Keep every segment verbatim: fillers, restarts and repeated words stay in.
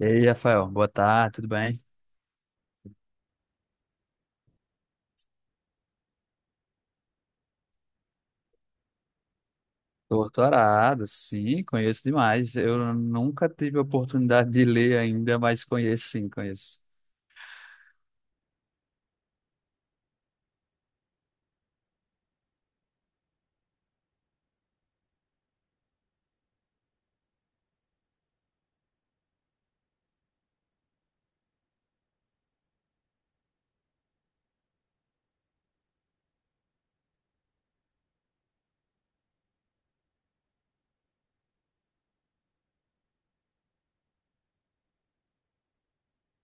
E aí, Rafael, boa tarde, tudo bem? Doutorado, sim, conheço demais. Eu nunca tive a oportunidade de ler ainda, mas conheço sim, conheço.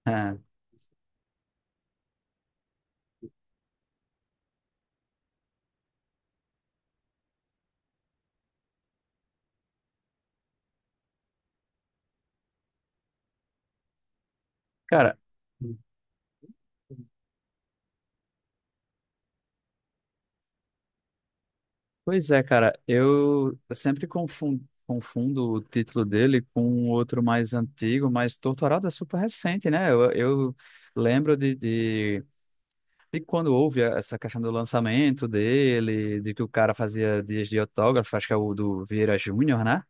Ah, cara, pois é, cara, eu sempre confundo, confundo o título dele com um outro mais antigo, mas doutorado é super recente, né? Eu, eu lembro de, de, de quando houve essa questão do lançamento dele, de que o cara fazia dias de autógrafo, acho que é o do Vieira Júnior, né?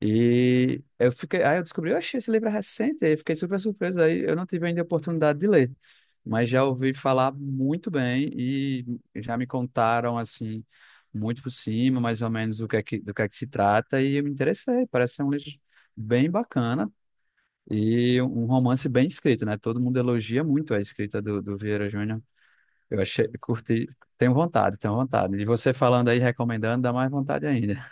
E eu fiquei, aí eu descobri, eu achei esse livro é recente, aí eu fiquei super surpreso, aí eu não tive ainda a oportunidade de ler, mas já ouvi falar muito bem e já me contaram, assim, muito por cima, mais ou menos o que é que, do que é que se trata, e eu me interessei, parece ser um livro bem bacana e um romance bem escrito, né? Todo mundo elogia muito a escrita do, do Vieira Júnior, eu achei, curti, tenho vontade, tenho vontade, e você falando aí, recomendando, dá mais vontade ainda.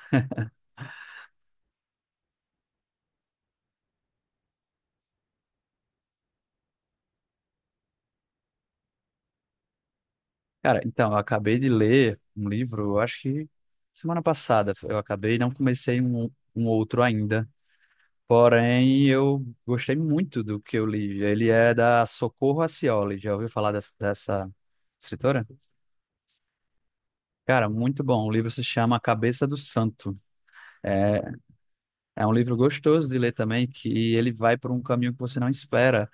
Cara, então, eu acabei de ler um livro, eu acho que semana passada eu acabei, não comecei um, um outro ainda. Porém, eu gostei muito do que eu li. Ele é da Socorro Acioli. Já ouviu falar dessa, dessa escritora? Cara, muito bom. O livro se chama A Cabeça do Santo. É É um livro gostoso de ler também, que ele vai por um caminho que você não espera.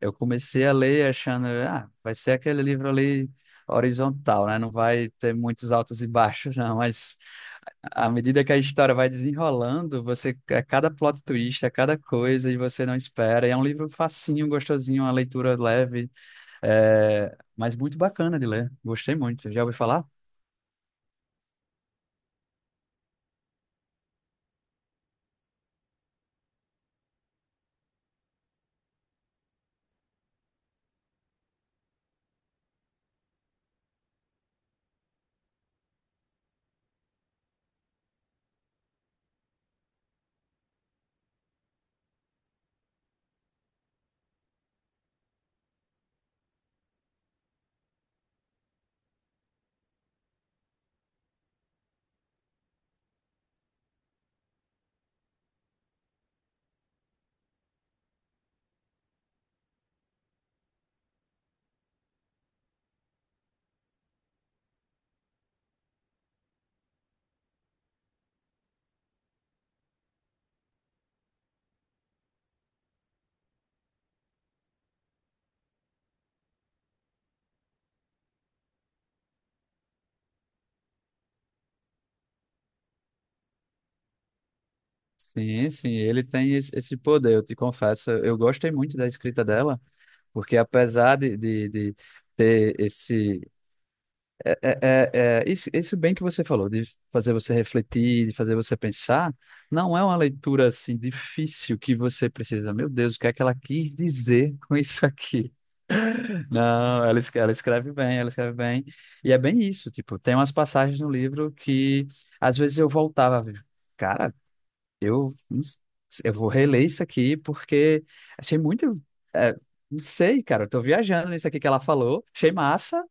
Eu comecei a ler achando, ah, vai ser aquele livro ali horizontal, né? Não vai ter muitos altos e baixos, não. Mas à medida que a história vai desenrolando, você, a cada plot twist, a cada coisa, e você não espera. E é um livro facinho, gostosinho, uma leitura leve, é, mas muito bacana de ler. Gostei muito. Já ouvi falar? Sim, sim, ele tem esse esse poder, eu te confesso. Eu gostei muito da escrita dela. Porque apesar de, de, de ter esse. É, é, é, é- isso, isso bem que você falou, de fazer você refletir, de fazer você pensar, não é uma leitura assim difícil que você precisa. Meu Deus, o que é que ela quis dizer com isso aqui? Não, ela, es- ela escreve bem, ela escreve bem. E é bem isso, tipo, tem umas passagens no livro que às vezes eu voltava. Cara, eu, não s- eu vou reler isso aqui porque achei muito. é, não sei, cara, eu tô viajando nisso aqui que ela falou, achei massa.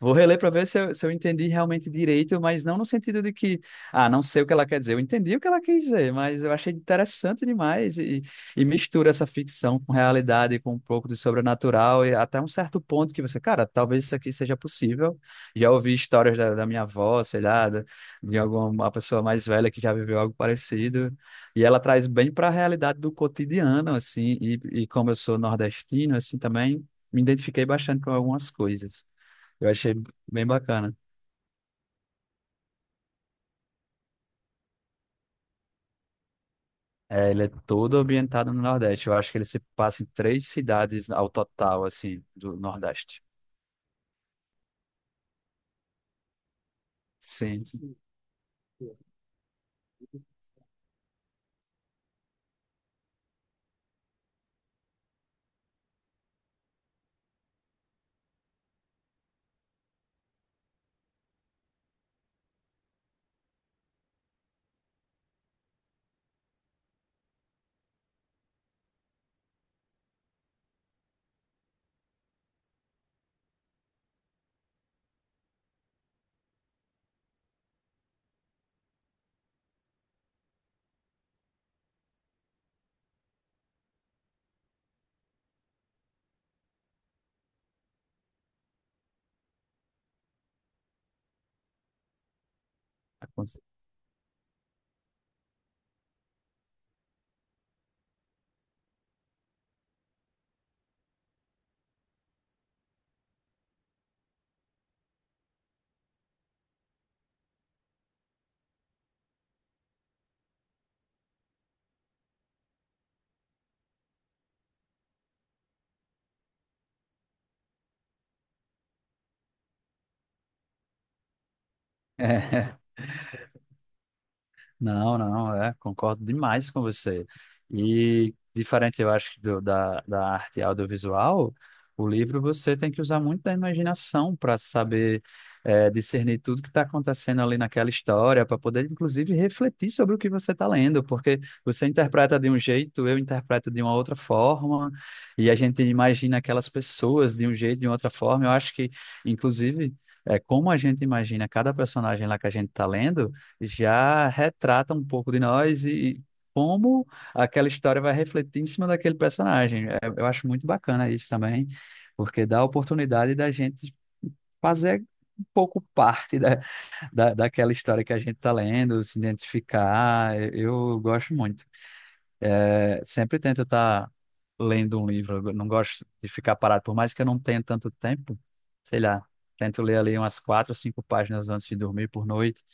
Vou reler para ver se eu, se eu entendi realmente direito, mas não no sentido de que, ah, não sei o que ela quer dizer. Eu entendi o que ela quis dizer, mas eu achei interessante demais e, e mistura essa ficção com realidade, com um pouco de sobrenatural e até um certo ponto que você, cara, talvez isso aqui seja possível. Já ouvi histórias da, da minha avó, sei lá, da- de alguma pessoa mais velha que já viveu algo parecido. E ela traz bem para a realidade do cotidiano, assim, e, e como eu sou nordestino, assim, também me identifiquei bastante com algumas coisas. Eu achei bem bacana. É, ele é todo ambientado no Nordeste. Eu acho que ele se passa em três cidades ao total, assim, do Nordeste. Sim. sim. É, com- É. Não, não, é, concordo demais com você. E diferente, eu acho, do, da, da arte audiovisual, o livro você tem que usar muito da imaginação para saber é, discernir tudo que está acontecendo ali naquela história, para poder, inclusive, refletir sobre o que você está lendo, porque você interpreta de um jeito, eu interpreto de uma outra forma, e a gente imagina aquelas pessoas de um jeito, de outra forma. Eu acho que, inclusive, é, como a gente imagina cada personagem lá que a gente está lendo já retrata um pouco de nós e como aquela história vai refletir em cima daquele personagem. É, Eu acho muito bacana isso também, porque dá a oportunidade da gente fazer um pouco parte da, da, daquela história que a gente está lendo, se identificar. Eu, eu gosto muito. É, sempre tento estar lendo um livro, eu não gosto de ficar parado, por mais que eu não tenha tanto tempo, sei lá. Tento ler ali umas quatro ou cinco páginas antes de dormir por noite.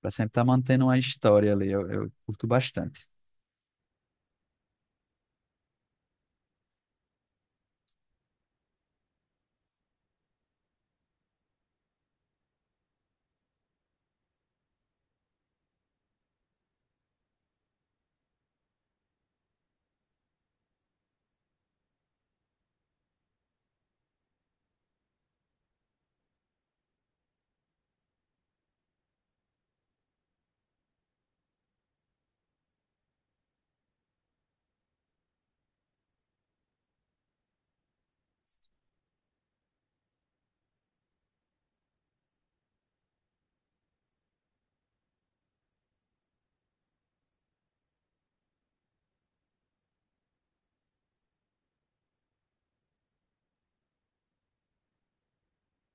Pra sempre estar mantendo uma história ali. Eu, eu curto bastante.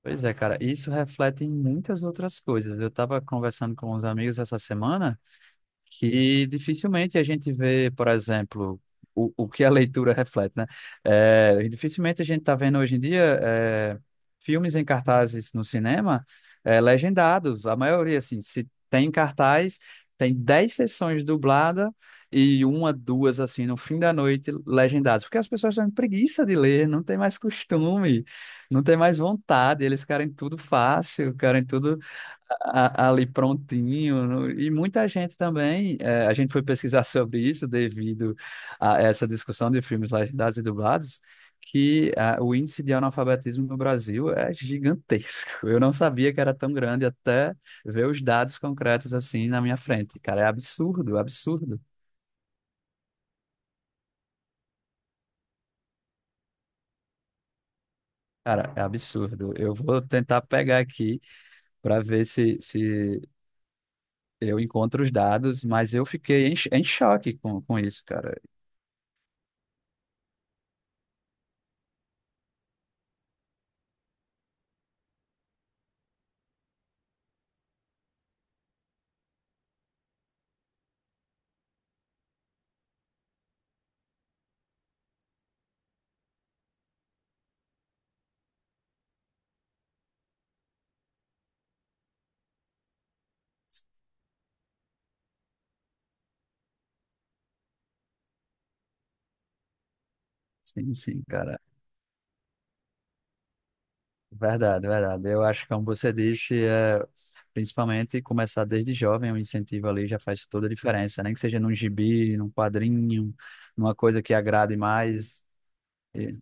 Pois é, cara, isso reflete em muitas outras coisas. Eu tava conversando com uns amigos essa semana. que dificilmente a gente vê, por exemplo, o, o que a leitura reflete, né? É, e dificilmente a gente está vendo hoje em dia é, filmes em cartazes no cinema é, legendados. A maioria, assim, se tem cartaz, tem dez sessões dubladas e uma, duas, assim, no fim da noite, legendadas. Porque as pessoas têm preguiça de ler, não tem mais costume, não tem mais vontade, eles querem tudo fácil, querem tudo a- ali prontinho. no- E muita gente também, eh, a gente foi pesquisar sobre isso devido a essa discussão de filmes legendados e dublados, que ah, o índice de analfabetismo no Brasil é gigantesco. Eu não sabia que era tão grande até ver os dados concretos assim na minha frente. Cara, é absurdo, absurdo. Cara, é absurdo. Eu vou tentar pegar aqui para ver se, se eu encontro os dados, mas eu fiquei em, em choque com, com isso, cara. Sim, sim, cara. Verdade, verdade. Eu acho que, como você disse, é, principalmente começar desde jovem, um incentivo ali já faz toda a diferença, nem que seja num gibi, num quadrinho, numa coisa que agrade mais. E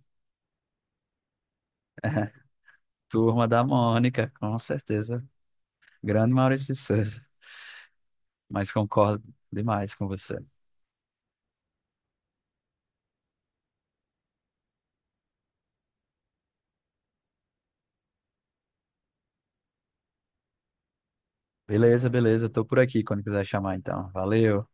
Turma da Mônica, com certeza. Grande Maurício de Souza, mas concordo demais com você. Beleza, beleza, tô por aqui quando quiser chamar, então. Valeu.